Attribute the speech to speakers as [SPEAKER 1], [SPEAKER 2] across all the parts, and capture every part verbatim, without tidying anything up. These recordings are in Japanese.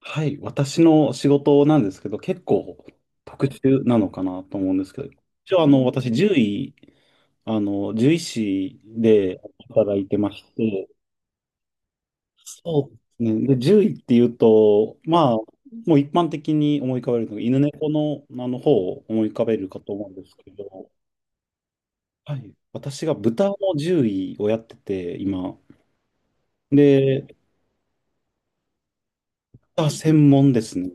[SPEAKER 1] はい、私の仕事なんですけど、結構特殊なのかなと思うんですけど、一応あの、私、獣医、あの、獣医師で働いてまして、そうですね。で、獣医っていうと、まあ、もう一般的に思い浮かべるのが、犬猫の、あの方を思い浮かべるかと思うんですけど、はい、私が豚の獣医をやってて、今。で、豚専門ですね。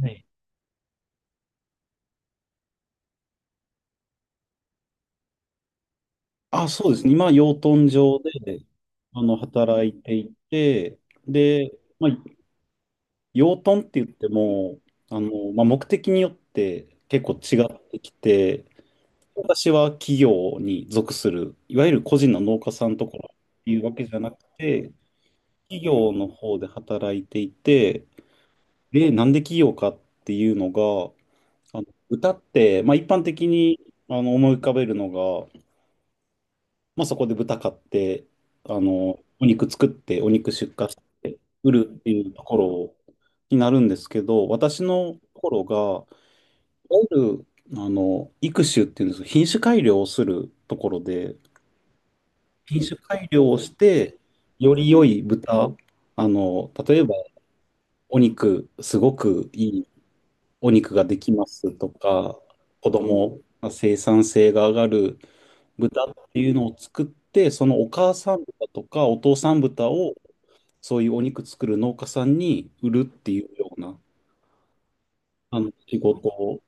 [SPEAKER 1] はいあ、そうですね。今、養豚場で、あの、働いていて、で、まあ、養豚って言っても、あの、まあ、目的によって結構違ってきて、私は企業に属する、いわゆる個人の農家さんとかっていうわけじゃなくて、企業の方で働いていて、で、なんで企業かっていうのが、あの、歌って、まあ、一般的にあの思い浮かべるのが、まあ、そこで豚買って、あの、お肉作って、お肉出荷して、売るっていうところになるんですけど、私のところが、いわゆる、あの、育種っていうんですか、品種改良をするところで、品種改良をして、より良い豚、あの、例えば、お肉、すごくいいお肉ができますとか、子供、生産性が上がる豚っていうのを作って、そのお母さん豚とかお父さん豚をそういうお肉作る農家さんに売るっていうようなあの仕事を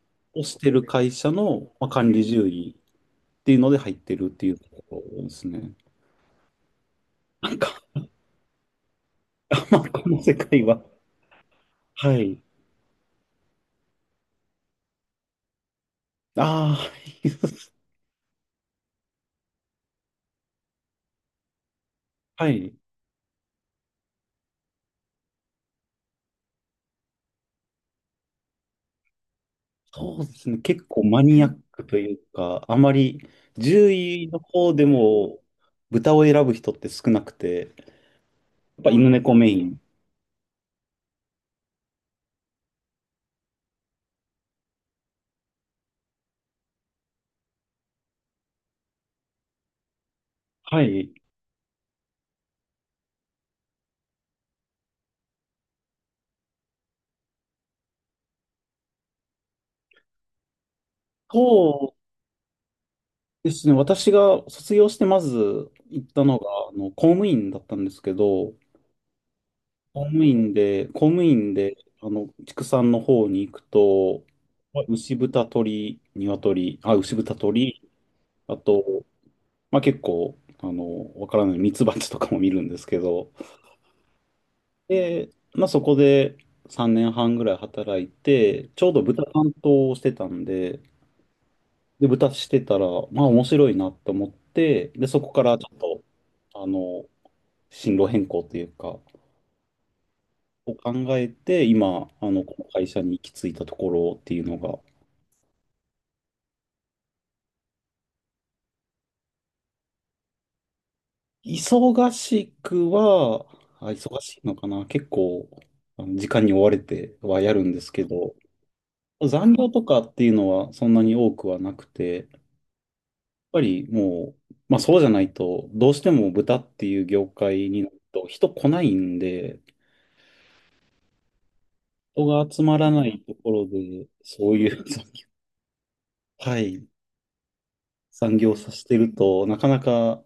[SPEAKER 1] してる会社の、まあ、管理獣医っていうので入ってるっていうところですね。なんか、まあ、この世界は。はい。ああ、はい。そうですね。結構マニアックというか、あまり獣医の方でも豚を選ぶ人って少なくて、やっぱ犬猫メイン。はい。そうですね。私が卒業してまず行ったのが、あの、公務員だったんですけど、公務員で、公務員で、あの、畜産の方に行くと、まあ牛豚鳥、鶏、あ、牛豚鳥、あと、まあ結構、あの、わからないミツバチとかも見るんですけど、で、まあそこでさんねんはんぐらい働いて、ちょうど豚担当をしてたんで、で、豚してたら、まあ面白いなと思って、で、そこからちょっと、あの、進路変更というか、を考えて、今、あの、この会社に行き着いたところっていうのが、忙しくは、あ、忙しいのかな、結構、あの時間に追われてはやるんですけど、残業とかっていうのはそんなに多くはなくて、やっぱりもう、まあそうじゃないと、どうしても豚っていう業界になると人来ないんで、人が集まらないところで、そういう、はい、産業をさせてると、なかなか、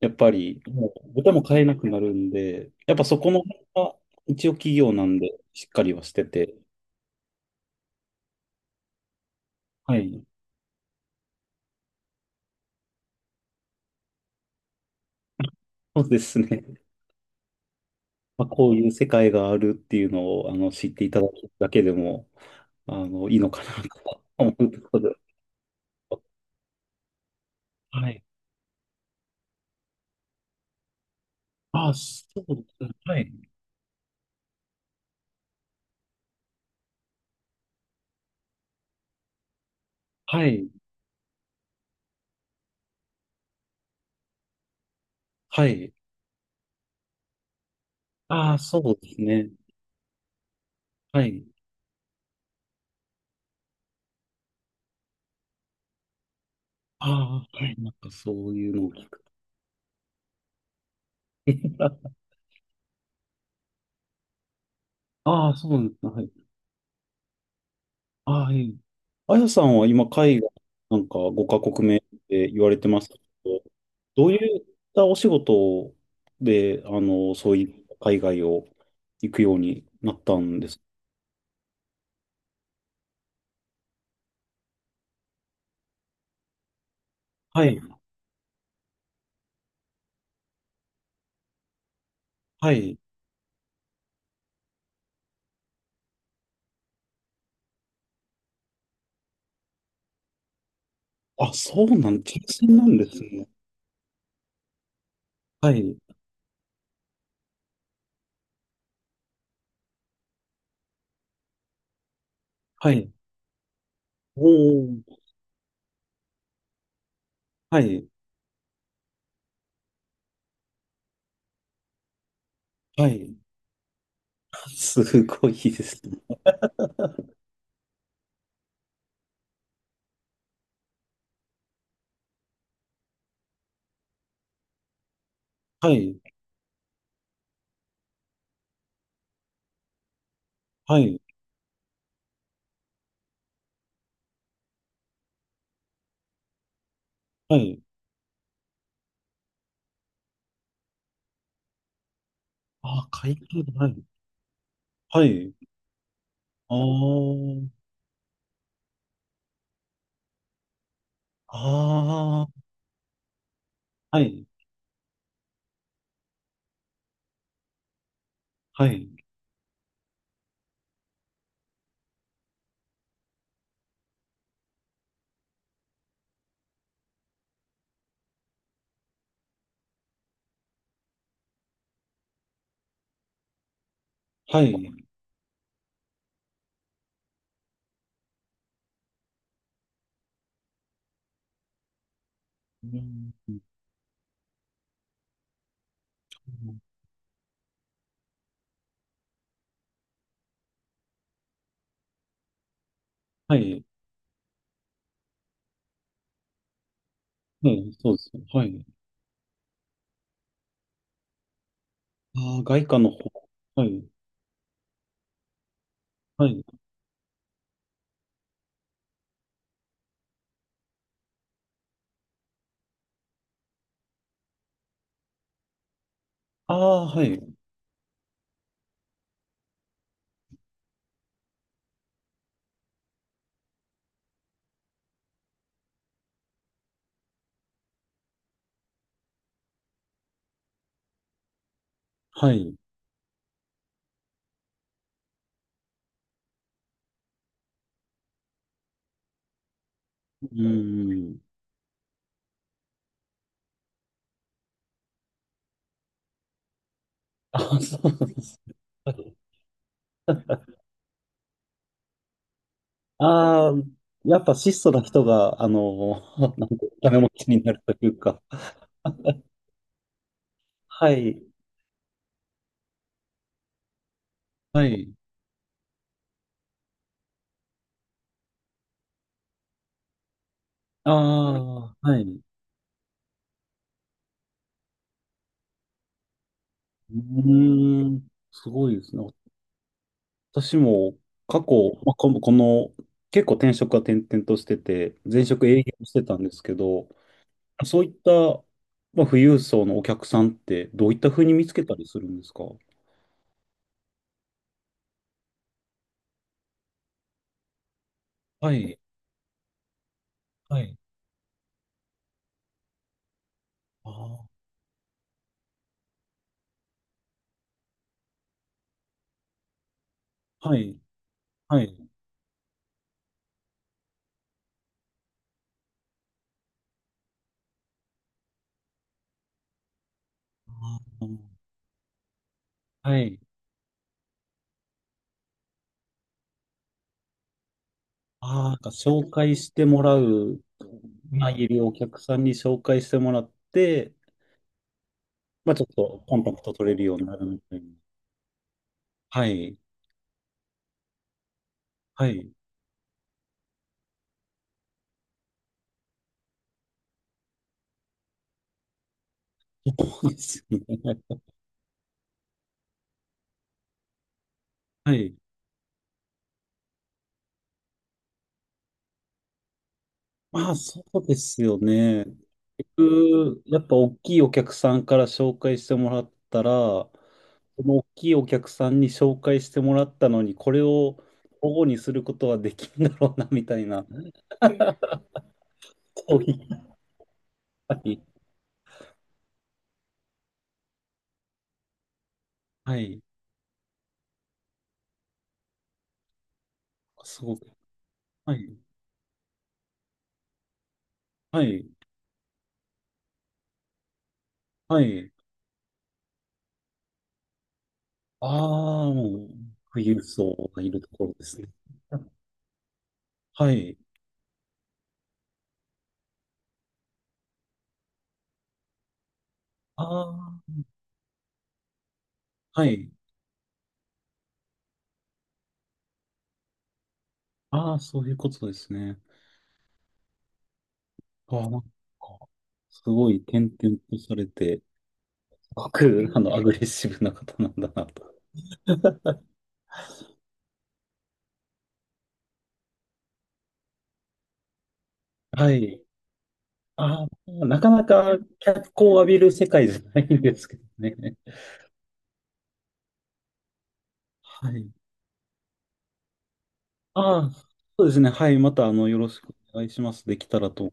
[SPEAKER 1] やっぱり、もう、豚も飼えなくなるんで、やっぱそこの辺は、一応企業なんで、しっかりはしてて、はい、そうですね。まあ、こういう世界があるっていうのを、あの、知っていただくだけでも、あの、いいのかなと思うところで。はい。ああ、そうです。はい。はい。はい。ああ、そうですね。はい。ああ、はい、なんかそういうのを聞く。ああ、そうなんですね。はい。ああ、はいあやさんは今、海外、なんかごかこくめカ国目って言われてますけど、どういったお仕事で、あの、そういう海外を行くようになったんですか？はい、はい。あ、そうなん、挑戦なんですね。はい、はい。おー、はい、はい。すごいですね。はい、はい、はい。あ、海外、はい、はい。おー、ああ、はい、はい、はい。うんはい、はい、そうですね。はい。ああ、外貨の方。はい、はい。ああ、はい、はい。うん。あそうなんですね。ああ、やっぱ質素な人が、あの、なんかお金持ちになるというか。はい、はい。ああ、はい。うーん、すごいですね。私も過去、まあ、この、この結構転職は転々としてて、前職営業してたんですけど、そういった、まあ、富裕層のお客さんってどういったふうに見つけたりするんですか？はい、はい、あーはい、はい、あーはい、ああ、なんか紹介してもらう、まあ、いるお客さんに紹介してもらって、まあ、ちょっとコンタクト取れるようになるみたいな。はい、はい、そうですね。はい。まあ、そうですよね。僕やっぱ大きいお客さんから紹介してもらったら、その大きいお客さんに紹介してもらったのに、これを保護にすることはできんだろうな、みたいな、そういうはい。はい。すごく。はい。はい。はい。ああ、もう、富裕層がいるところですね。はい。ああ、はい。ああ、そういうことですね。ああ、なんか、すごい転々とされて、ごくあの、アグレッシブな方なんだなと。はい。あー、なかなか脚光を浴びる世界じゃないんですけどね。はい。ああ、そうですね。はい。また、あの、よろしくお願いします。できたらと。